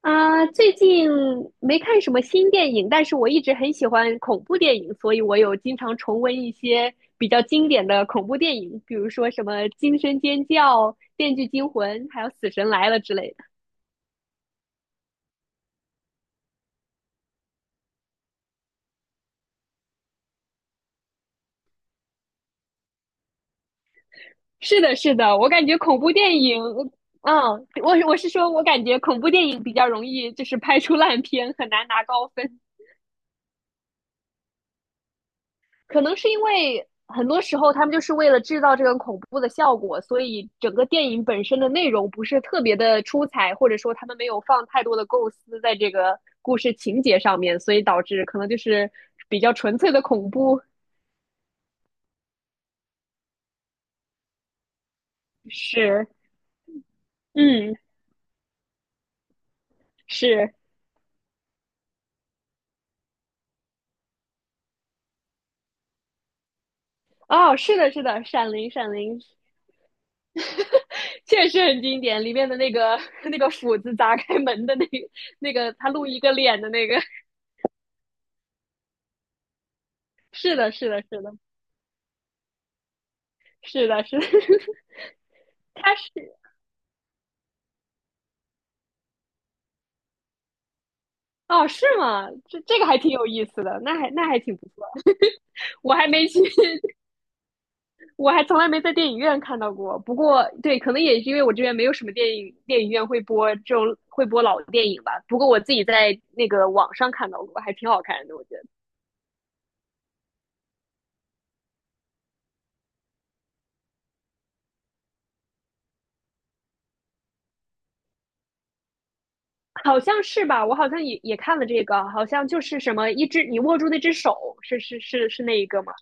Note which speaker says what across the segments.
Speaker 1: 啊，最近没看什么新电影，但是我一直很喜欢恐怖电影，所以我有经常重温一些比较经典的恐怖电影，比如说什么《惊声尖叫》《电锯惊魂》，还有《死神来了》之类的。是的，是的，我感觉恐怖电影，嗯，我是说，我感觉恐怖电影比较容易就是拍出烂片，很难拿高分。可能是因为很多时候他们就是为了制造这种恐怖的效果，所以整个电影本身的内容不是特别的出彩，或者说他们没有放太多的构思在这个故事情节上面，所以导致可能就是比较纯粹的恐怖。是，嗯，是。哦，是的，是的，《闪灵》《闪灵》确实很经典，里面的那个 那个斧子砸开门的那个那个，他露一个脸的那个，是的，是的，是的，是的，是的，他是哦，是吗？这个还挺有意思的，那还那还挺不错。我还没去，我还从来没在电影院看到过。不过，对，可能也是因为我这边没有什么电影院会播这种会播老电影吧。不过我自己在那个网上看到过，还挺好看的，我觉得好像是吧？我好像也看了这个，好像就是什么一只你握住那只手，是那一个吗？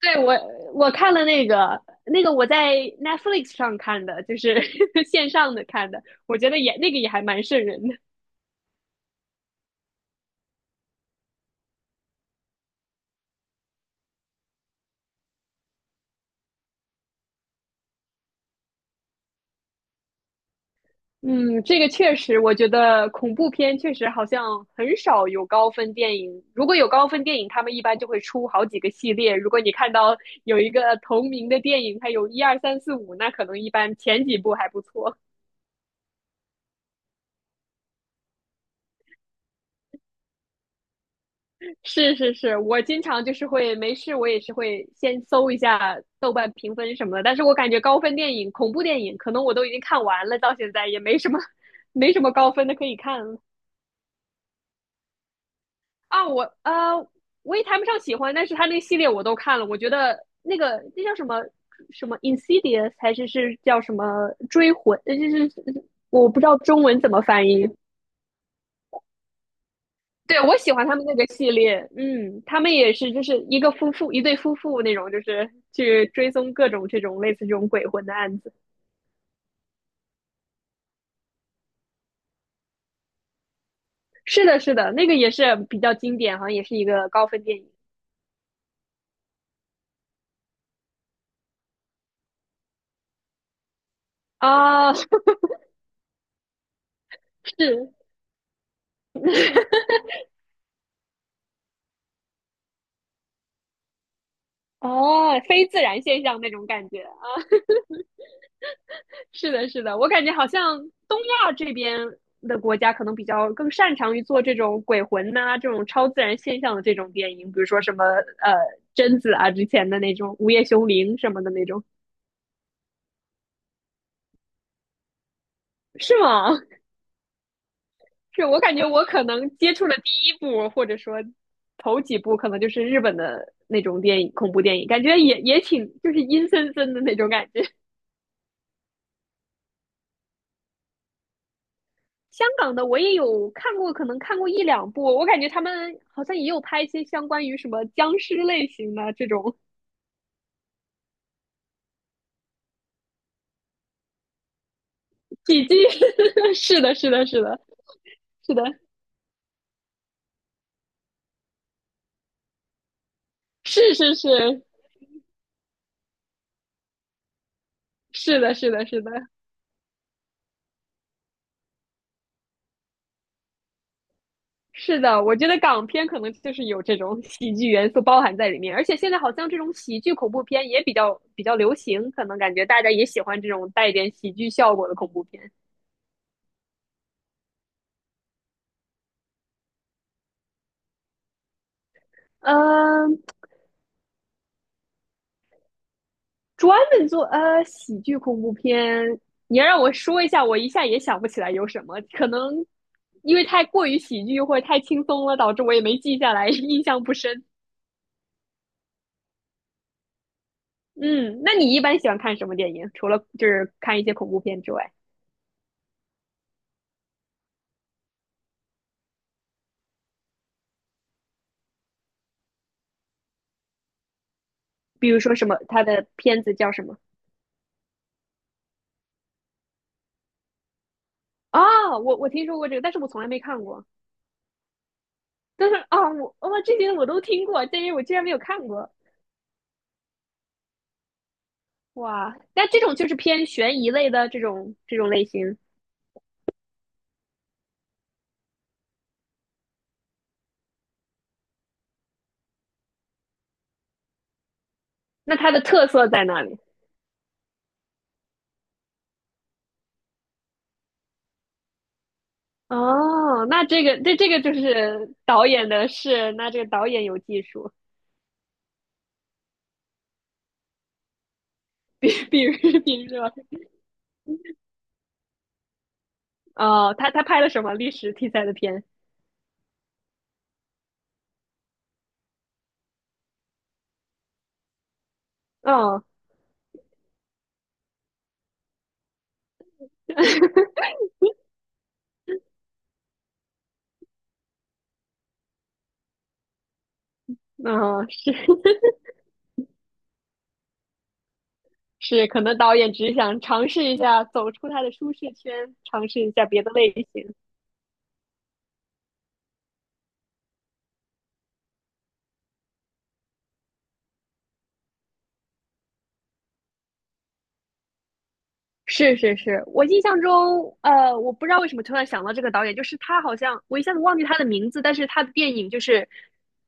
Speaker 1: 对，我看了那个我在 Netflix 上看的，就是 线上的看的，我觉得也那个也还蛮瘆人的。嗯，这个确实，我觉得恐怖片确实好像很少有高分电影。如果有高分电影，他们一般就会出好几个系列。如果你看到有一个同名的电影，它有一二三四五，那可能一般前几部还不错。是是是，我经常就是会没事，我也是会先搜一下豆瓣评分什么的。但是我感觉高分电影、恐怖电影，可能我都已经看完了，到现在也没什么 没什么高分的可以看了。啊，我我也谈不上喜欢，但是他那系列我都看了，我觉得那个那叫什么什么 Insidious 还是叫什么追魂，就是我不知道中文怎么翻译。对，我喜欢他们那个系列，嗯，他们也是就是一个夫妇，一对夫妇那种，就是去追踪各种这种类似这种鬼魂的案子。是的，是的，那个也是比较经典，好像也是一个高分电影啊，是 哦，非自然现象那种感觉啊。是的，是的，我感觉好像东亚这边的国家可能比较更擅长于做这种鬼魂呐、这种超自然现象的这种电影，比如说什么呃贞子啊之前的那种《午夜凶铃》什么的那种，是吗？是我感觉我可能接触了第一部，或者说头几部，可能就是日本的那种电影，恐怖电影，感觉也挺就是阴森森的那种感觉。香港的我也有看过，可能看过一两部，我感觉他们好像也有拍一些相关于什么僵尸类型的这种 喜剧。是的，是的，是的，是的，是是是是的，是的，是的，是的。我觉得港片可能就是有这种喜剧元素包含在里面，而且现在好像这种喜剧恐怖片也比较流行，可能感觉大家也喜欢这种带一点喜剧效果的恐怖片。嗯，专门做喜剧恐怖片，你要让我说一下，我一下也想不起来有什么。可能因为太过于喜剧或者太轻松了，导致我也没记下来，印象不深。嗯，那你一般喜欢看什么电影？除了就是看一些恐怖片之外，比如说什么，他的片子叫什么？啊，我我听说过这个，但是我从来没看过。但是啊，我这些我都听过，但是我居然没有看过。哇，那这种就是偏悬疑类的这种类型，那它的特色在哪里？哦，那这个这个就是导演的事，那这个导演有技术，比比如比如说，哦，他拍了什么历史题材的片？哦，哦，是是，可能导演只想尝试一下走出他的舒适圈，尝试一下别的类型。是是是，我印象中，呃，我不知道为什么突然想到这个导演，就是他好像我一下子忘记他的名字，但是他的电影就是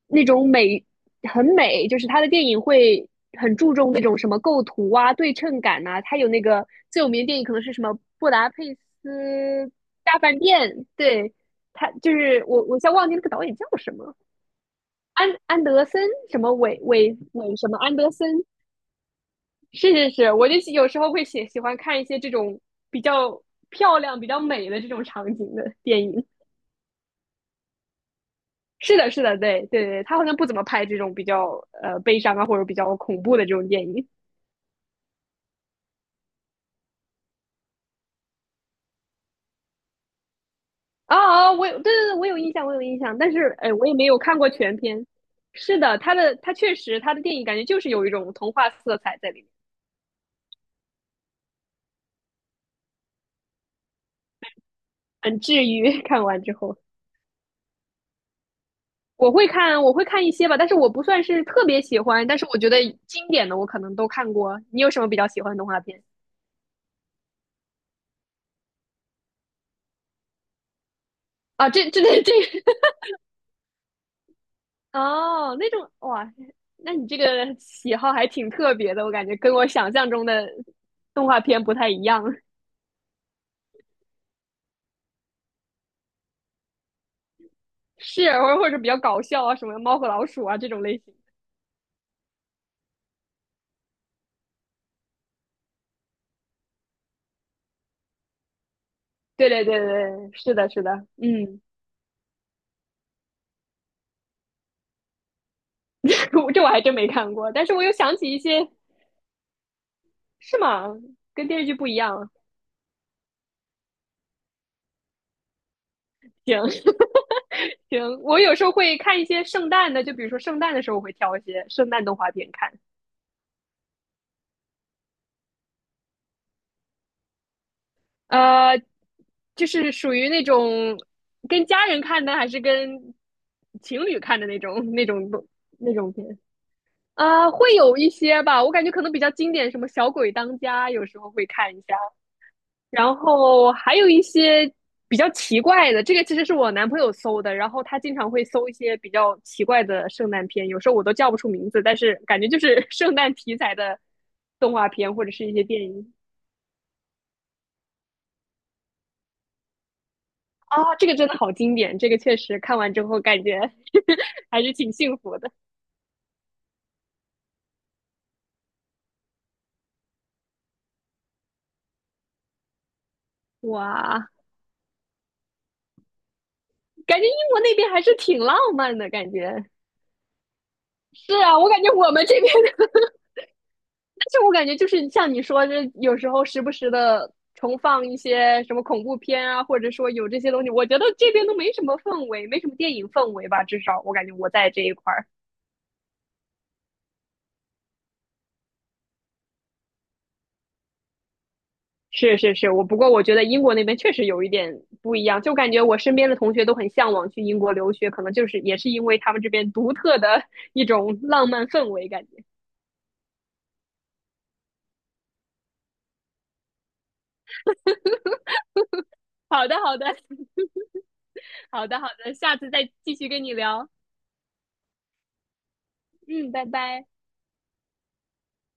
Speaker 1: 那种美，很美，就是他的电影会很注重那种什么构图啊、对称感呐、他有那个最有名的电影可能是什么《布达佩斯大饭店》，对，他就是我，我一下忘记那个导演叫什么，安德森什么韦什么安德森，是是是，我就有时候会喜欢看一些这种比较漂亮、比较美的这种场景的电影。是的，是的，对对对，他好像不怎么拍这种比较悲伤啊或者比较恐怖的这种电影。啊啊，我有对对对，我有印象，我有印象，但是哎，我也没有看过全片。是的，他确实他的电影感觉就是有一种童话色彩在里面，很治愈。看完之后，我会看一些吧，但是我不算是特别喜欢，但是我觉得经典的我可能都看过。你有什么比较喜欢的动画片？啊，这 哦，那种哇，那你这个喜好还挺特别的，我感觉跟我想象中的动画片不太一样，是，或者比较搞笑啊，什么猫和老鼠啊这种类型。对对对对对是的，是的，嗯，我这我还真没看过，但是我又想起一些，是吗？跟电视剧不一样啊，行 行，我有时候会看一些圣诞的，就比如说圣诞的时候我会挑一些圣诞动画片看，呃，就是属于那种跟家人看的，还是跟情侣看的那种那种片啊，会有一些吧。我感觉可能比较经典，什么《小鬼当家》，有时候会看一下。然后还有一些比较奇怪的，这个其实是我男朋友搜的，然后他经常会搜一些比较奇怪的圣诞片，有时候我都叫不出名字，但是感觉就是 圣诞题材的动画片或者是一些电影。啊，这个真的好经典，这个确实看完之后感觉 还是挺幸福的。哇，感觉英国那边还是挺浪漫的感觉。是啊，我感觉我们这边的，但是我感觉就是像你说，这有时候时不时的重放一些什么恐怖片啊，或者说有这些东西，我觉得这边都没什么氛围，没什么电影氛围吧，至少我感觉我在这一块儿。是是是，我不过我觉得英国那边确实有一点不一样，就感觉我身边的同学都很向往去英国留学，可能就是也是因为他们这边独特的 一种浪漫氛围感觉。好的，好的，好的，好的，下次再继续跟你聊。嗯，拜拜。